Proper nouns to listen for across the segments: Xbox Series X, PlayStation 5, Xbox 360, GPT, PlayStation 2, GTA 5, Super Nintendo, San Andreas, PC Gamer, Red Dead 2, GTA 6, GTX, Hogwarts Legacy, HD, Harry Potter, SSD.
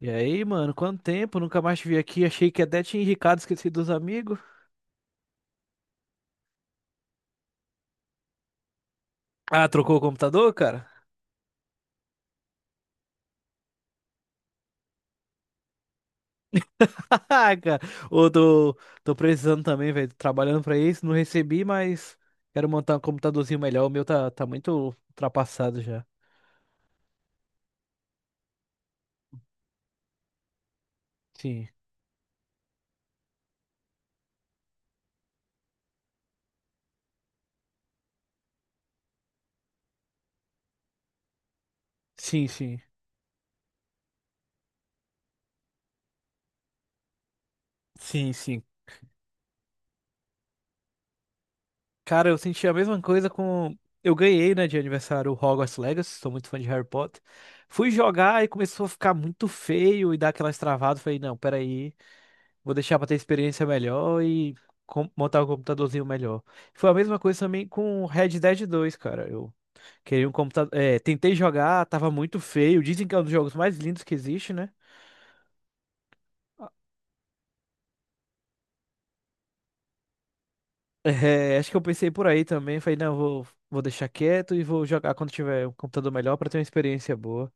E aí, mano, quanto tempo? Nunca mais te vi aqui. Achei que até tinha enricado, esqueci dos amigos. Ah, trocou o computador, cara? Ah, cara, ô, tô precisando também, velho. Tô trabalhando pra isso, não recebi, mas quero montar um computadorzinho melhor. O meu tá muito ultrapassado já. Sim, sim, sim. Sim, sim. Cara, eu senti a mesma coisa com. Eu ganhei, né, de aniversário o Hogwarts Legacy, sou muito fã de Harry Potter. Fui jogar e começou a ficar muito feio e dar aquelas travadas. Falei, não, peraí. Vou deixar pra ter experiência melhor e montar um computadorzinho melhor. Foi a mesma coisa também com Red Dead 2, cara. Eu queria um computador. É, tentei jogar, tava muito feio. Dizem que é um dos jogos mais lindos que existe, né? É, acho que eu pensei por aí também. Falei, não, vou deixar quieto e vou jogar quando tiver um computador melhor pra ter uma experiência boa.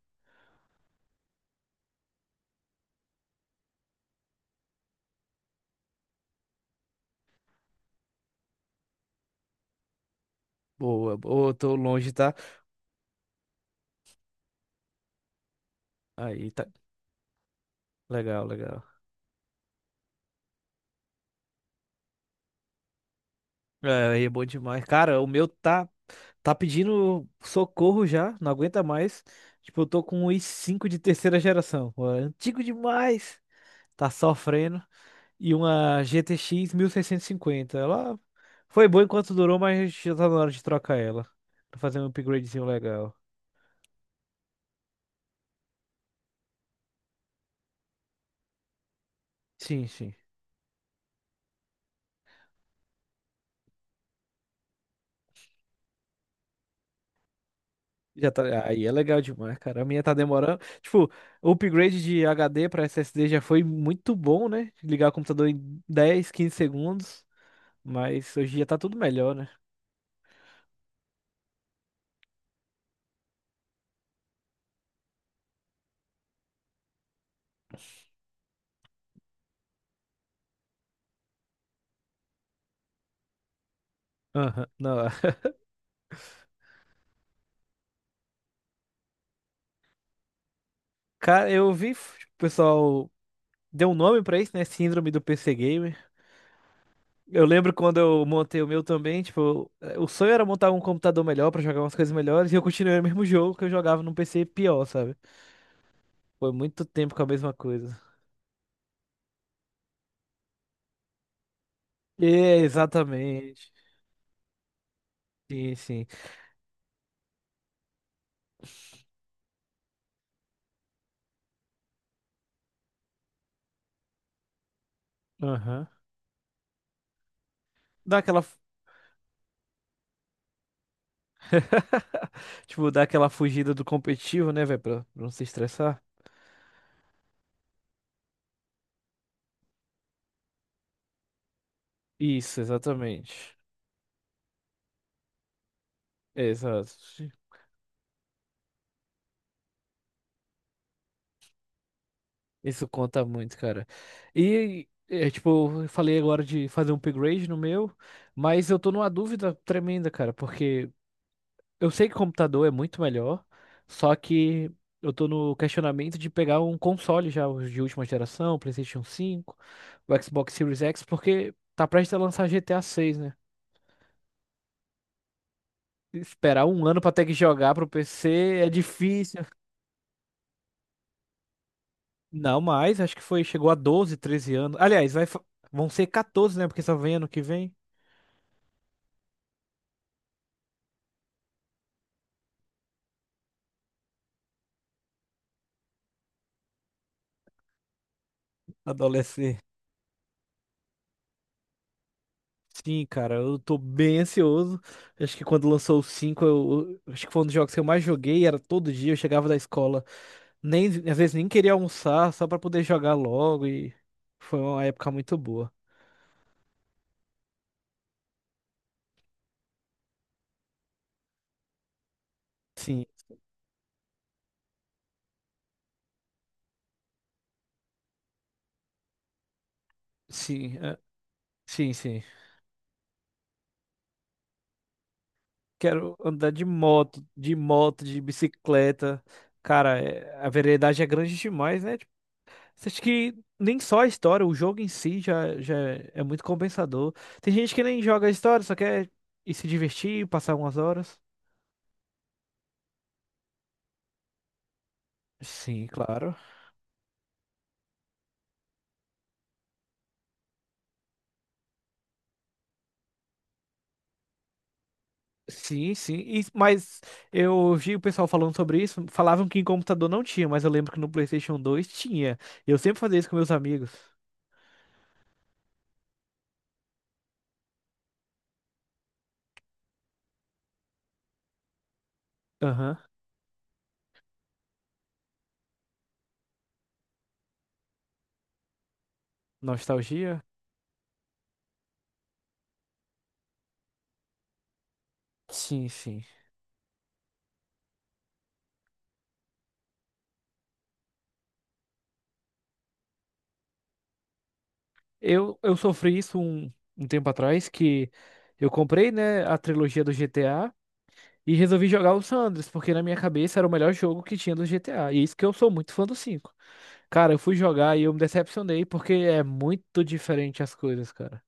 Boa, boa, tô longe, tá? Aí, tá. Legal, legal. É, é bom demais. Cara, o meu tá pedindo socorro já, não aguenta mais. Tipo, eu tô com um i5 de terceira geração. Pô, é antigo demais. Tá sofrendo. E uma GTX cinquenta, ela foi boa enquanto durou, mas já tá na hora de trocar ela. Pra fazer um upgradezinho legal. Sim, sim. Já tá, aí é legal demais, cara. A minha tá demorando. Tipo, o upgrade de HD pra SSD já foi muito bom, né? Ligar o computador em 10, 15 segundos. Mas hoje em dia tá tudo melhor, né? Aham, não, é. Cara, eu vi, o pessoal deu um nome pra isso, né? Síndrome do PC Gamer. Eu lembro quando eu montei o meu também, tipo, o sonho era montar um computador melhor pra jogar umas coisas melhores e eu continuei o mesmo jogo que eu jogava num PC pior, sabe? Foi muito tempo com a mesma coisa. É, exatamente. Sim, sim. Aham. Dá aquela, fu- tipo, dá aquela fugida do competitivo, né, velho, pra não se estressar. Isso, exatamente. Exato. Isso conta muito, cara. E, é, tipo, eu falei agora de fazer um upgrade no meu, mas eu tô numa dúvida tremenda, cara, porque eu sei que computador é muito melhor, só que eu tô no questionamento de pegar um console já os de última geração, PlayStation 5, o Xbox Series X, porque tá prestes a lançar GTA 6, né? Esperar um ano pra ter que jogar pro PC é difícil. Não mais, acho que foi, chegou a 12, 13 anos. Aliás, vai, vão ser 14, né? Porque só vem ano que vem. Adolescer. Sim, cara, eu tô bem ansioso. Acho que quando lançou o cinco, acho que foi um dos jogos que eu mais joguei, era todo dia, eu chegava da escola, nem às vezes nem queria almoçar, só pra poder jogar logo e foi uma época muito boa. Sim, sim, é, sim, sim. Quero andar de moto, de moto, de bicicleta. Cara, a velocidade é grande demais, né? Você acha que nem só a história, o jogo em si já, já é muito compensador. Tem gente que nem joga a história, só quer ir se divertir, passar umas horas. Sim, claro. Sim, sim. Mas eu vi o pessoal falando sobre isso. Falavam que em computador não tinha, mas eu lembro que no PlayStation dois tinha. Eu sempre fazia isso com meus amigos. Aham. Nostalgia? Sim, sim. Eu sofri isso um tempo atrás, que eu comprei, né, a trilogia do GTA. E resolvi jogar o San Andreas, porque na minha cabeça era o melhor jogo que tinha do GTA. E é isso que eu sou muito fã do cinco. Cara, eu fui jogar e eu me decepcionei, porque é muito diferente as coisas, cara.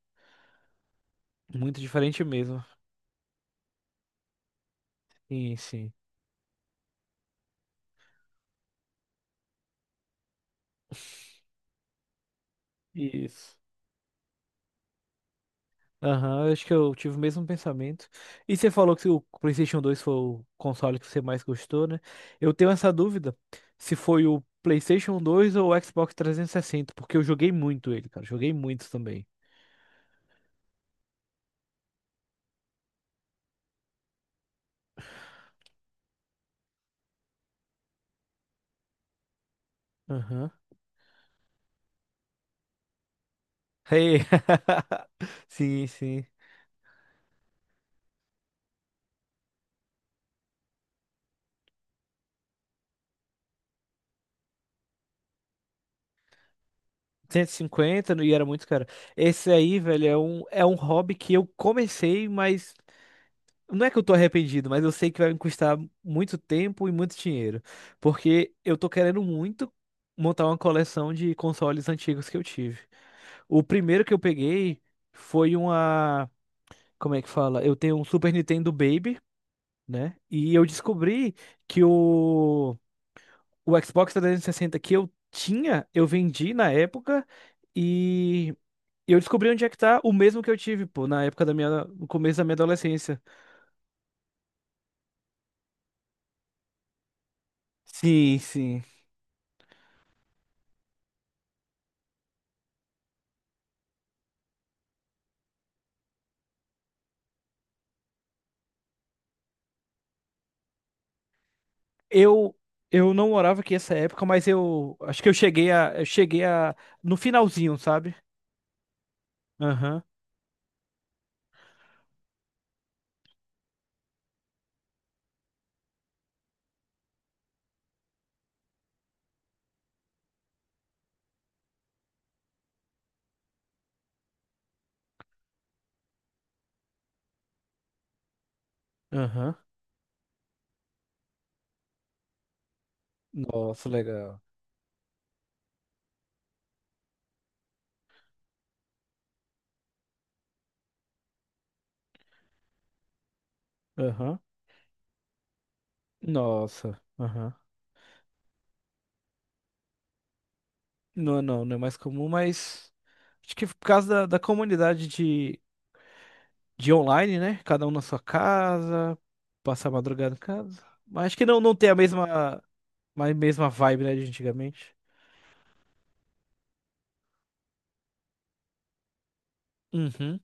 Muito diferente mesmo. Sim, sim. Isso. Aham, eu acho que eu tive o mesmo pensamento. E você falou que o PlayStation dois foi o console que você mais gostou, né? Eu tenho essa dúvida se foi o PlayStation dois ou o Xbox 360, porque eu joguei muito ele, cara. Joguei muito também. Aham. Hey. Sim, sim. 150 e cinquenta, e era muito caro. Esse aí, velho, é um hobby que eu comecei, mas não é que eu tô arrependido, mas eu sei que vai me custar muito tempo e muito dinheiro. Porque eu tô querendo muito montar uma coleção de consoles antigos que eu tive. O primeiro que eu peguei foi uma. Como é que fala? Eu tenho um Super Nintendo Baby, né? E eu descobri que o Xbox 360 que eu tinha, eu vendi na época. E e eu descobri onde é que tá o mesmo que eu tive, pô, na época da minha, no começo da minha adolescência. Sim, sim. Eu eu não morava aqui essa época, mas eu acho que eu cheguei a no finalzinho, sabe? Aham. Aham. Nossa, legal. Aham. Nossa. Aham. Não, é não, não é mais comum, mas acho que por causa da comunidade de online, né? Cada um na sua casa, passar a madrugada em casa. Mas acho que não tem a mesma vibe, né, de antigamente. Uhum.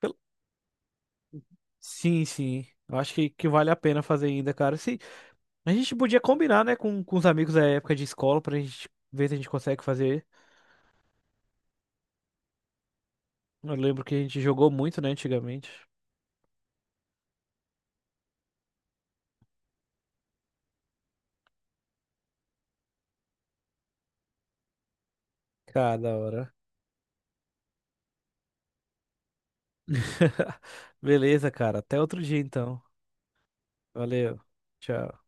Pel- Sim, sim. Eu acho que vale a pena fazer ainda, cara. Se... A gente podia combinar, né, com os amigos da época de escola pra gente ver se a gente consegue fazer. Eu lembro que a gente jogou muito, né, antigamente. Cara, da hora. Beleza, cara. Até outro dia, então. Valeu. Tchau.